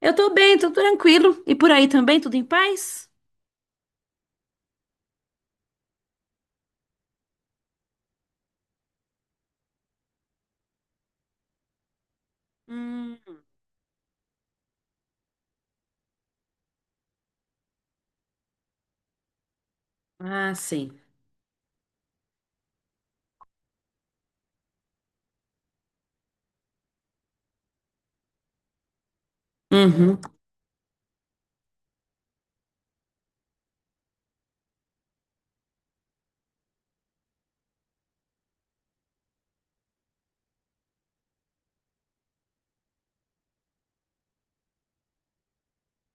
Eu tô bem, tô tranquilo. E por aí também, tudo em paz? Hum, ah, sim. Uhum.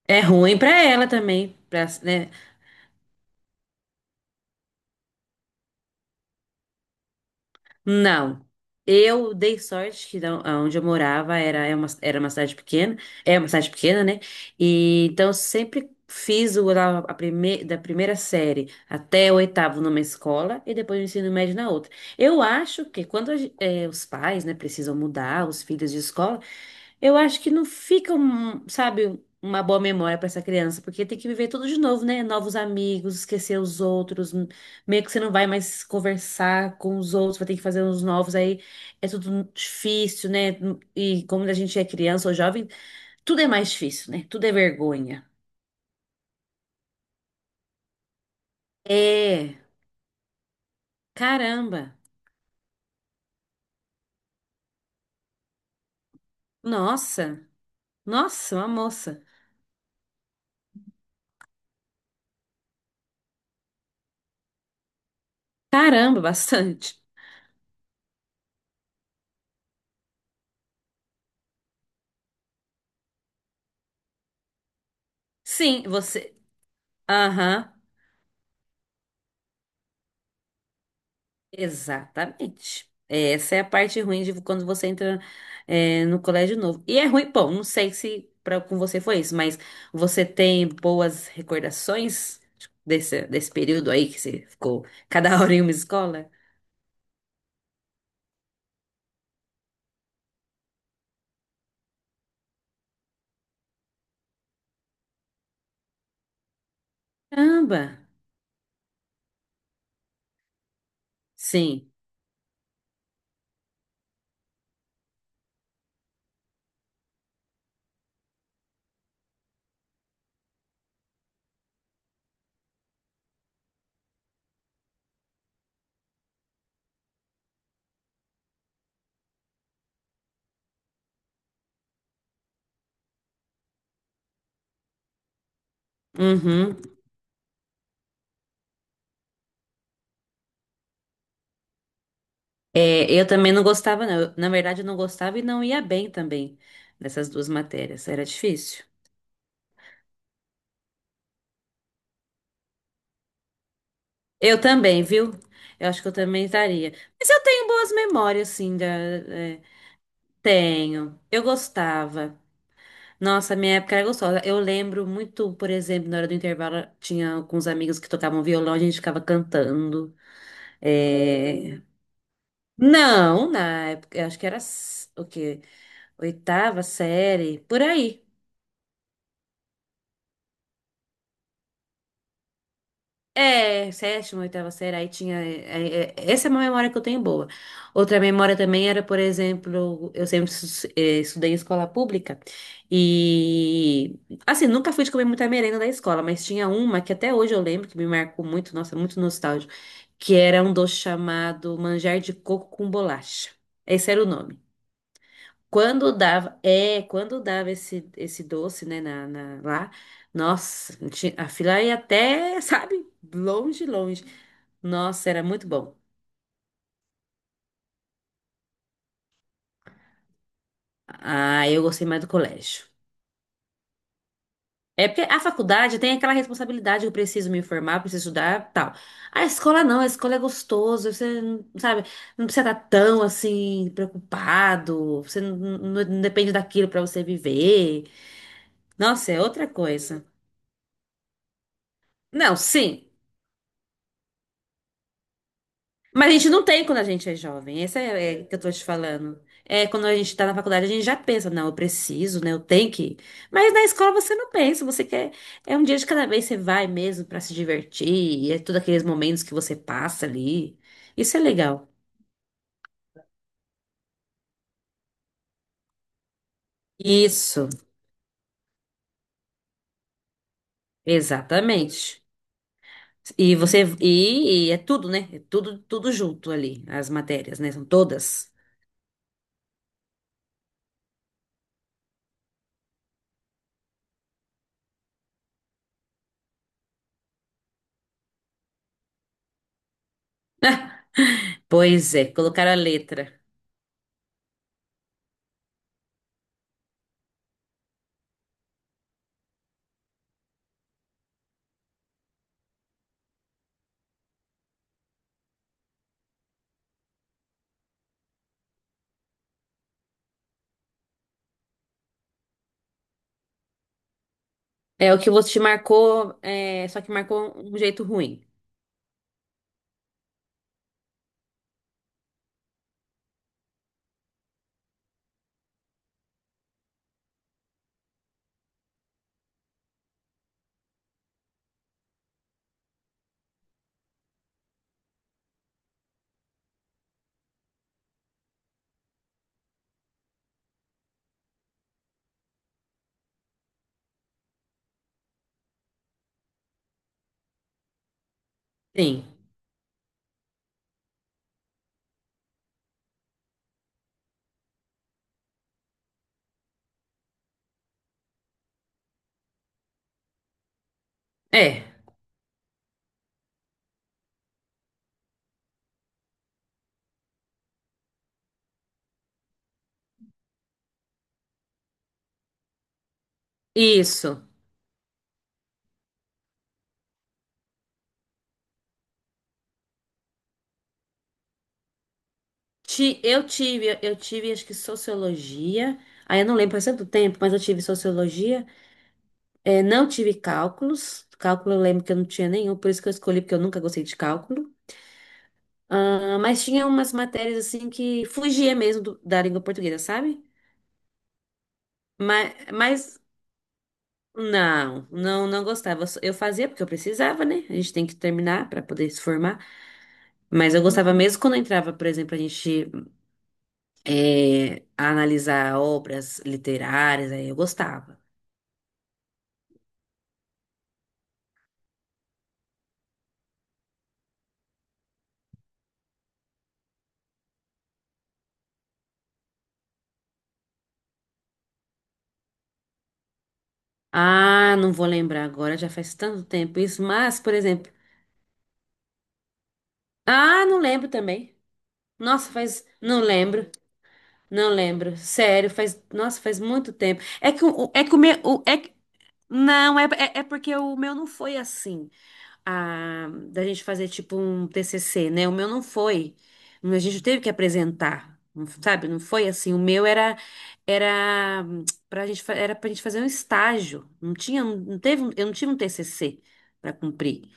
É ruim pra ela também, pra, né? Não. Eu dei sorte que onde eu morava era, era uma cidade pequena, é uma cidade pequena, né? E então eu sempre fiz o, a prime- da primeira série até o oitavo numa escola e depois o ensino médio na outra. Eu acho que quando os pais, né, precisam mudar os filhos de escola. Eu acho que não fica, um, sabe, uma boa memória pra essa criança, porque tem que viver tudo de novo, né? Novos amigos, esquecer os outros, meio que você não vai mais conversar com os outros, vai ter que fazer uns novos, aí é tudo difícil, né? E como a gente é criança ou jovem, tudo é mais difícil, né? Tudo é vergonha. É, caramba. Nossa, nossa, uma moça. Caramba, bastante. Sim, você. Aham. Exatamente. É, essa é a parte ruim de quando você entra, é, no colégio novo. E é ruim, bom, não sei se pra, com você foi isso, mas você tem boas recordações desse período aí que você ficou cada hora em uma escola? Caramba! Sim. Uhum. É, eu também não gostava, não. Eu, na verdade, eu não gostava e não ia bem também nessas duas matérias. Era difícil. Eu também, viu? Eu acho que eu também estaria. Mas eu tenho boas memórias, assim, da, é, tenho. Eu gostava. Nossa, minha época era gostosa. Eu lembro muito, por exemplo, na hora do intervalo, tinha alguns amigos que tocavam violão, a gente ficava cantando. É, não, na época, eu acho que era o quê? Oitava série, por aí. É, sétima, oitava série, aí tinha. Essa é uma memória que eu tenho boa. Outra memória também era, por exemplo, eu sempre estudei em escola pública e. Assim, nunca fui de comer muita merenda da escola, mas tinha uma que até hoje eu lembro, que me marcou muito, nossa, muito nostálgico, que era um doce chamado manjar de coco com bolacha. Esse era o nome. Quando dava, é, quando dava esse doce, né, lá, nossa, ti- a fila ia até, sabe, longe, longe. Nossa, era muito bom. Ah, eu gostei mais do colégio. É porque a faculdade tem aquela responsabilidade, eu preciso me informar, preciso estudar, tal. A escola não, a escola é gostoso, você, não- sabe, não precisa estar tão, assim, preocupado, você não depende daquilo para você viver. Nossa, é outra coisa. Não, sim. Mas a gente não tem quando a gente é jovem. Essa é, é que eu tô te falando. É, quando a gente tá na faculdade, a gente já pensa, não, eu preciso, né? Eu tenho que ir. Mas na escola você não pensa, você quer. É um dia de cada vez, você vai mesmo pra se divertir, e é todos aqueles momentos que você passa ali. Isso é legal. Isso, exatamente. E é tudo, né? É tudo tudo junto ali, as matérias, né? São todas. Pois é, colocaram a letra. É o que você te marcou, é, só que marcou um jeito ruim. Sim. É, isso. Eu tive acho que sociologia. Aí eu não lembro, faz tanto tempo, mas eu tive sociologia. É, não tive cálculos. Cálculo eu lembro que eu não tinha nenhum, por isso que eu escolhi, porque eu nunca gostei de cálculo. Ah, mas tinha umas matérias assim que fugia mesmo da língua portuguesa, sabe? Mas não, não, não gostava. Eu fazia porque eu precisava, né? A gente tem que terminar para poder se formar. Mas eu gostava mesmo quando eu entrava, por exemplo, a gente. É, a analisar obras literárias, aí eu gostava. Ah, não vou lembrar agora, já faz tanto tempo isso, mas, por exemplo, ah, não lembro também. Nossa, faz, não lembro, não lembro, sério, faz, nossa, faz muito tempo. É que o- é que o meu, o- é que, não, é, é é porque o meu não foi assim. Da gente fazer tipo um TCC, né? O meu não foi, a gente teve que apresentar, não- sabe? Não foi assim. O meu era era era para gente fazer um estágio. Não tinha, não teve, um- eu não tive um TCC para cumprir.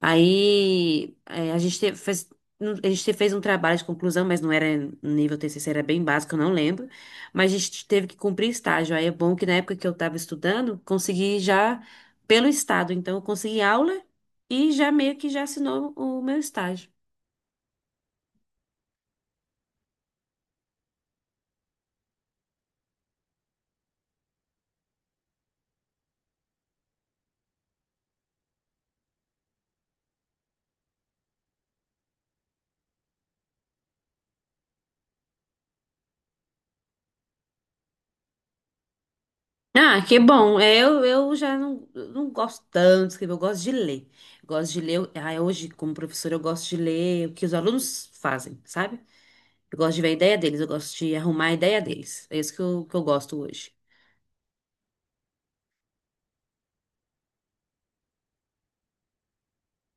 Aí é, fez, não- fez um trabalho de conclusão, mas não era nível TCC, era bem básico, eu não lembro. Mas a gente teve que cumprir estágio. Aí é bom que na época que eu estava estudando, consegui já pelo estado. Então eu consegui aula e já meio que já assinou o meu estágio. Ah, que bom. É, eu já não, eu não gosto tanto de escrever, eu gosto de ler. Gosto de ler. Ah, hoje, como professora, eu gosto de ler o que os alunos fazem, sabe? Eu gosto de ver a ideia deles, eu gosto de arrumar a ideia deles. É isso que que eu gosto hoje.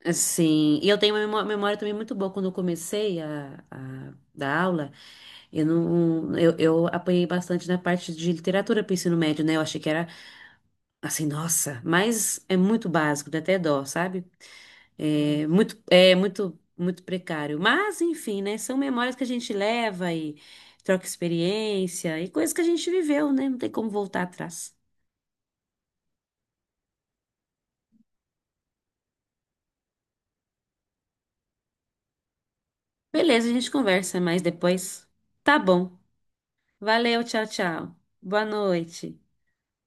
Assim, e eu tenho uma memória também muito boa. Quando eu comecei a dar aula, eu não, eu apanhei bastante na parte de literatura para o ensino médio, né? Eu achei que era assim, nossa, mas é muito básico, dá até dó, sabe? Hum. Muito precário. Mas, enfim, né? São memórias que a gente leva e troca experiência e coisas que a gente viveu, né? Não tem como voltar atrás. Beleza, a gente conversa mais depois. Tá bom. Valeu, tchau, tchau. Boa noite.